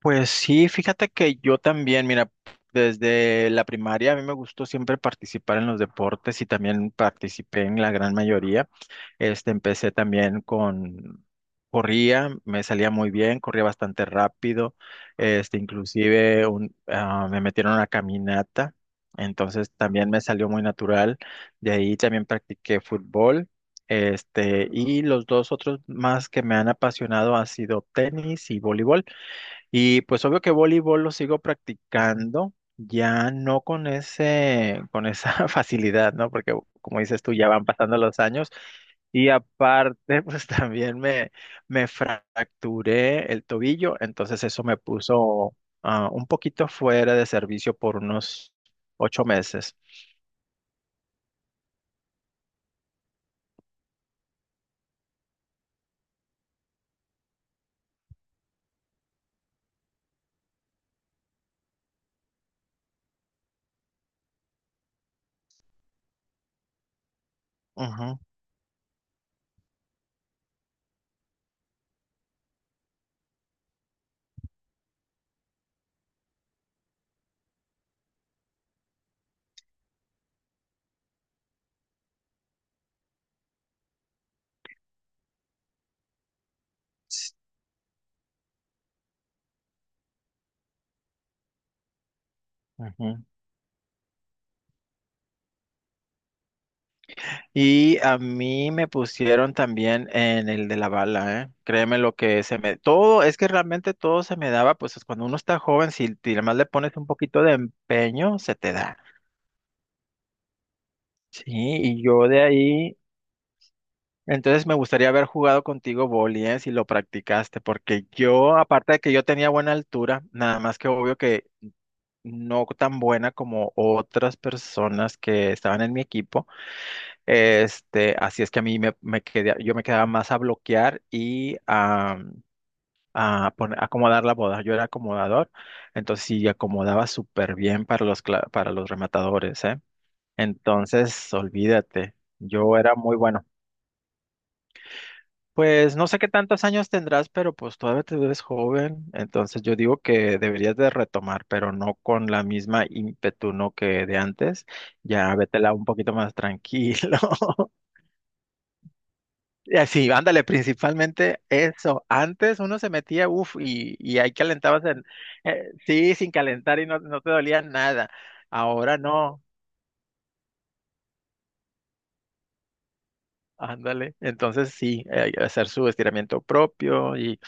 Pues sí, fíjate que yo también, mira, desde la primaria a mí me gustó siempre participar en los deportes y también participé en la gran mayoría. Empecé también corría, me salía muy bien, corría bastante rápido. Inclusive me metieron a una caminata, entonces también me salió muy natural. De ahí también practiqué fútbol. Y los dos otros más que me han apasionado han sido tenis y voleibol. Y pues obvio que voleibol lo sigo practicando, ya no con con esa facilidad, ¿no? Porque como dices tú, ya van pasando los años. Y aparte, pues me fracturé el tobillo, entonces eso me puso un poquito fuera de servicio por unos ocho meses. Ujú, s- ujú. Y a mí me pusieron también en el de la bala, ¿eh? Créeme lo que se me... Todo, es que realmente todo se me daba, pues es cuando uno está joven, si te- además le pones un poquito de empeño, se te da. Sí, y yo de ahí, entonces me gustaría haber jugado contigo boli, ¿eh? Si lo practicaste, porque yo, aparte de que yo tenía buena altura, nada más que obvio que no tan buena como otras personas que estaban en mi equipo. Así es que me quedé, yo me quedaba más a bloquear a a acomodar la boda. Yo era acomodador, entonces sí acomodaba súper bien para para los rematadores, ¿eh? Entonces, olvídate, yo era muy bueno. Pues no sé qué tantos años tendrás, pero pues todavía te ves joven, entonces yo digo que deberías de retomar, pero no con la misma ímpetu, ¿no? que de antes. Ya vétela un poquito más tranquilo. Sí, ándale, principalmente eso. Antes uno se metía, uff, y ahí calentabas sí, sin calentar y no, no te dolía nada. Ahora no. Ándale, entonces sí, hacer su estiramiento propio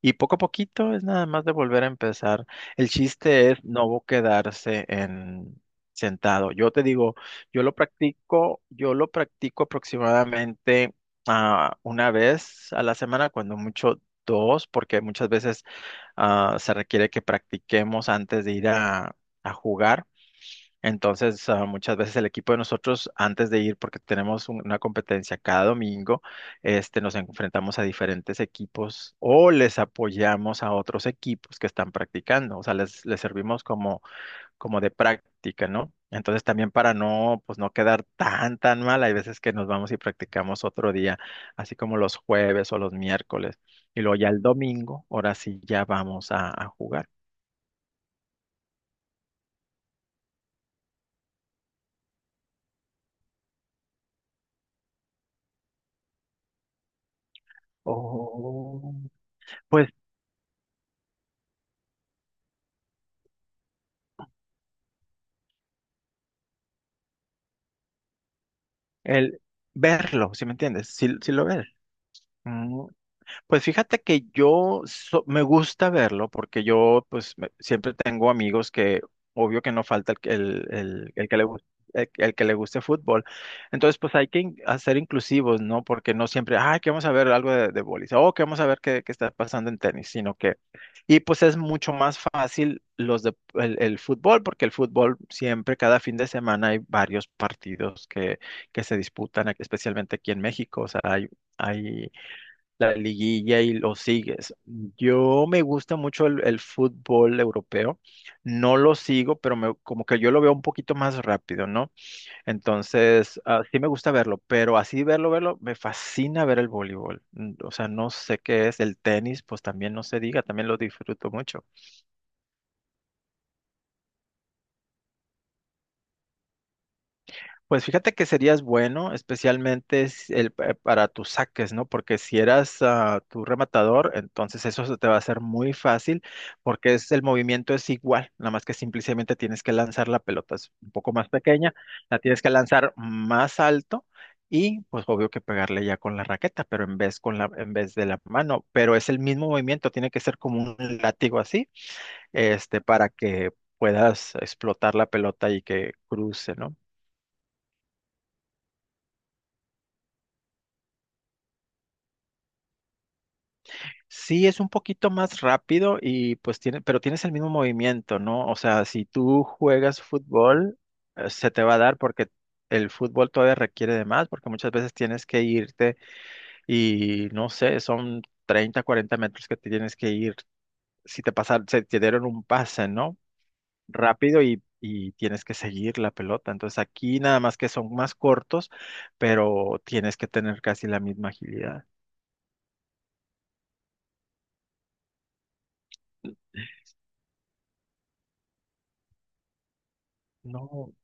y poco a poquito es nada más de volver a empezar. El chiste es no quedarse en sentado. Yo te digo, yo lo practico aproximadamente una vez a la semana, cuando mucho dos, porque muchas veces se requiere que practiquemos antes de ir a jugar. Entonces, muchas veces el equipo de nosotros, antes de ir, porque tenemos una competencia cada domingo, nos enfrentamos a diferentes equipos o les apoyamos a otros equipos que están practicando, o sea, les servimos como, como de práctica, ¿no? Entonces, también para no, pues, no quedar tan, tan mal, hay veces que nos vamos y practicamos otro día, así como los jueves o los miércoles, y luego ya el domingo, ahora sí ya vamos a jugar. Oh, el verlo, ¿sí me entiendes? Sí, sí lo ver. Mm, pues fíjate que me gusta verlo porque yo pues siempre tengo amigos que obvio que no falta el que le guste. El que le guste fútbol. Entonces, pues hay que hacer inclusivos, ¿no? Porque no siempre, ay, que vamos a ver algo de bolis, o que vamos a ver qué está pasando en tenis, sino que, y pues es mucho más fácil los de el fútbol, porque el fútbol siempre, cada fin de semana hay varios partidos que se disputan, especialmente aquí en México, o sea, hay la liguilla y lo sigues. Yo me gusta mucho el fútbol europeo, no lo sigo, pero como que yo lo veo un poquito más rápido, ¿no? Entonces, sí me gusta verlo, pero así verlo, me fascina ver el voleibol. Mm. O sea, no sé qué es el tenis, pues también no se diga, también lo disfruto mucho. Pues fíjate que serías bueno, especialmente para tus saques, ¿no? Porque si eras tu rematador, entonces eso se te va a hacer muy fácil, porque es el movimiento es igual, nada más que simplemente tienes que lanzar la pelota es un poco más pequeña, la tienes que lanzar más alto y, pues, obvio que pegarle ya con la raqueta, pero en vez con en vez de la mano, pero es el mismo movimiento, tiene que ser como un látigo así, para que puedas explotar la pelota y que cruce, ¿no? Sí, es un poquito más rápido y pues tiene, pero tienes el mismo movimiento, ¿no? O sea, si tú juegas fútbol, se te va a dar porque el fútbol todavía requiere de más, porque muchas veces tienes que irte y no sé, son 30, 40 metros que te tienes que ir. Si te pasaron, se te dieron un pase, ¿no? Rápido y tienes que seguir la pelota. Entonces aquí nada más que son más cortos, pero tienes que tener casi la misma agilidad. No.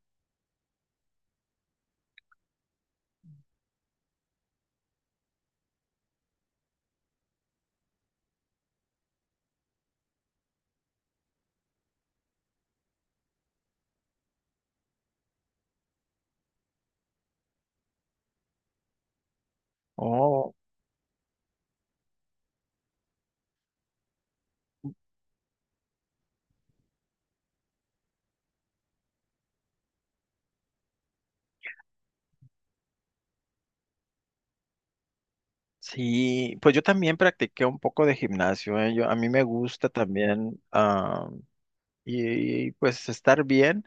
Oh. Sí, pues yo también practiqué un poco de gimnasio, ¿eh? Yo, a mí me gusta también pues estar bien.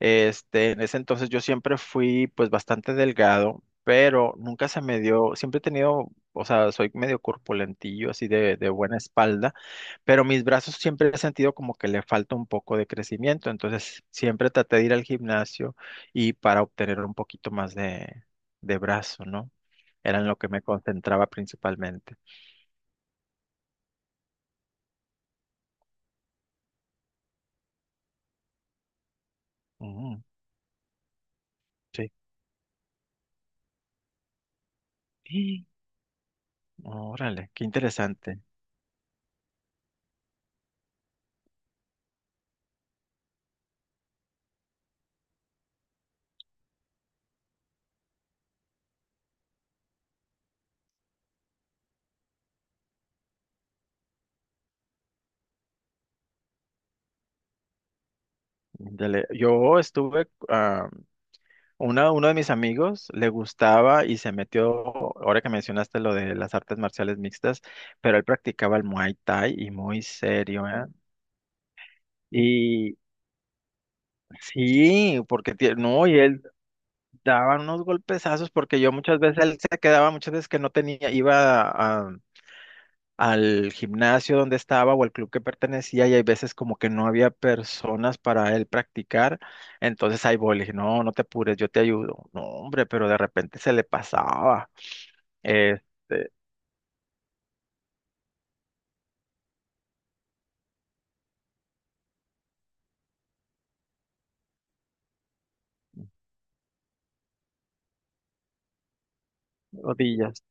En ese entonces yo siempre fui pues bastante delgado, pero nunca se me dio, siempre he tenido, o sea, soy medio corpulentillo, así de buena espalda, pero mis brazos siempre he sentido como que le falta un poco de crecimiento, entonces siempre traté de ir al gimnasio y para obtener un poquito más de brazo, ¿no? Era en lo que me concentraba principalmente. Mm, sí. Y, órale, qué interesante. Dale, yo estuve, uno de mis amigos le gustaba y se metió, ahora que mencionaste lo de las artes marciales mixtas, pero él practicaba el Muay Thai y muy serio, ¿eh? Y sí, porque no, y él daba unos golpezazos porque yo muchas veces él se quedaba muchas veces que no tenía, iba a, al gimnasio donde estaba o al club que pertenecía y hay veces como que no había personas para él practicar, entonces ahí voy, le dije, no, no te apures, yo te ayudo. No, hombre, pero de repente se le pasaba. Este, rodillas.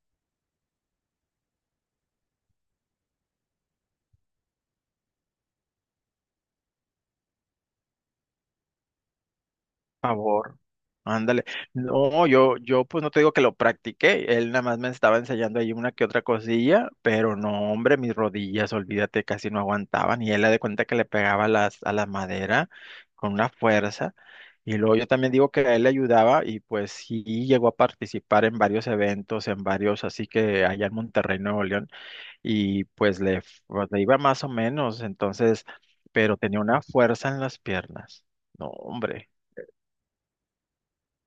Favor. Ándale. No, yo pues no te digo que lo practiqué. Él nada más me estaba enseñando ahí una que otra cosilla, pero no, hombre, mis rodillas, olvídate, casi no aguantaban. Y él le de cuenta que le pegaba a a la madera con una fuerza. Y luego yo también digo que a él le ayudaba y pues sí llegó a participar en varios eventos, en varios, así que allá en Monterrey, Nuevo León, y pues le, f- le iba más o menos, entonces, pero tenía una fuerza en las piernas. No, hombre.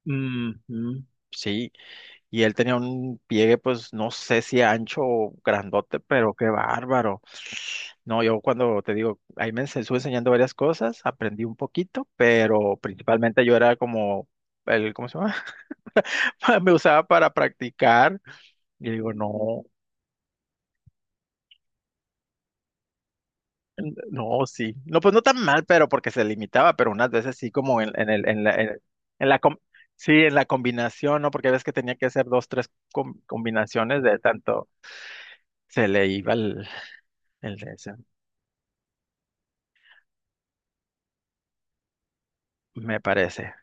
Ujú. Sí, y él tenía un pliegue, pues no sé si ancho o grandote, pero qué bárbaro. No, yo cuando te digo, ahí estuve enseñando varias cosas, aprendí un poquito, pero principalmente yo era como el, ¿cómo se llama? Me usaba para practicar. Y digo, no, no, sí. No, pues no tan mal, pero porque se limitaba, pero unas veces sí como en la sí, en la combinación, ¿no? Porque ves que tenía que hacer dos, tres combinaciones de tanto. Se le iba el de ese, me parece.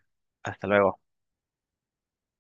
Hasta luego.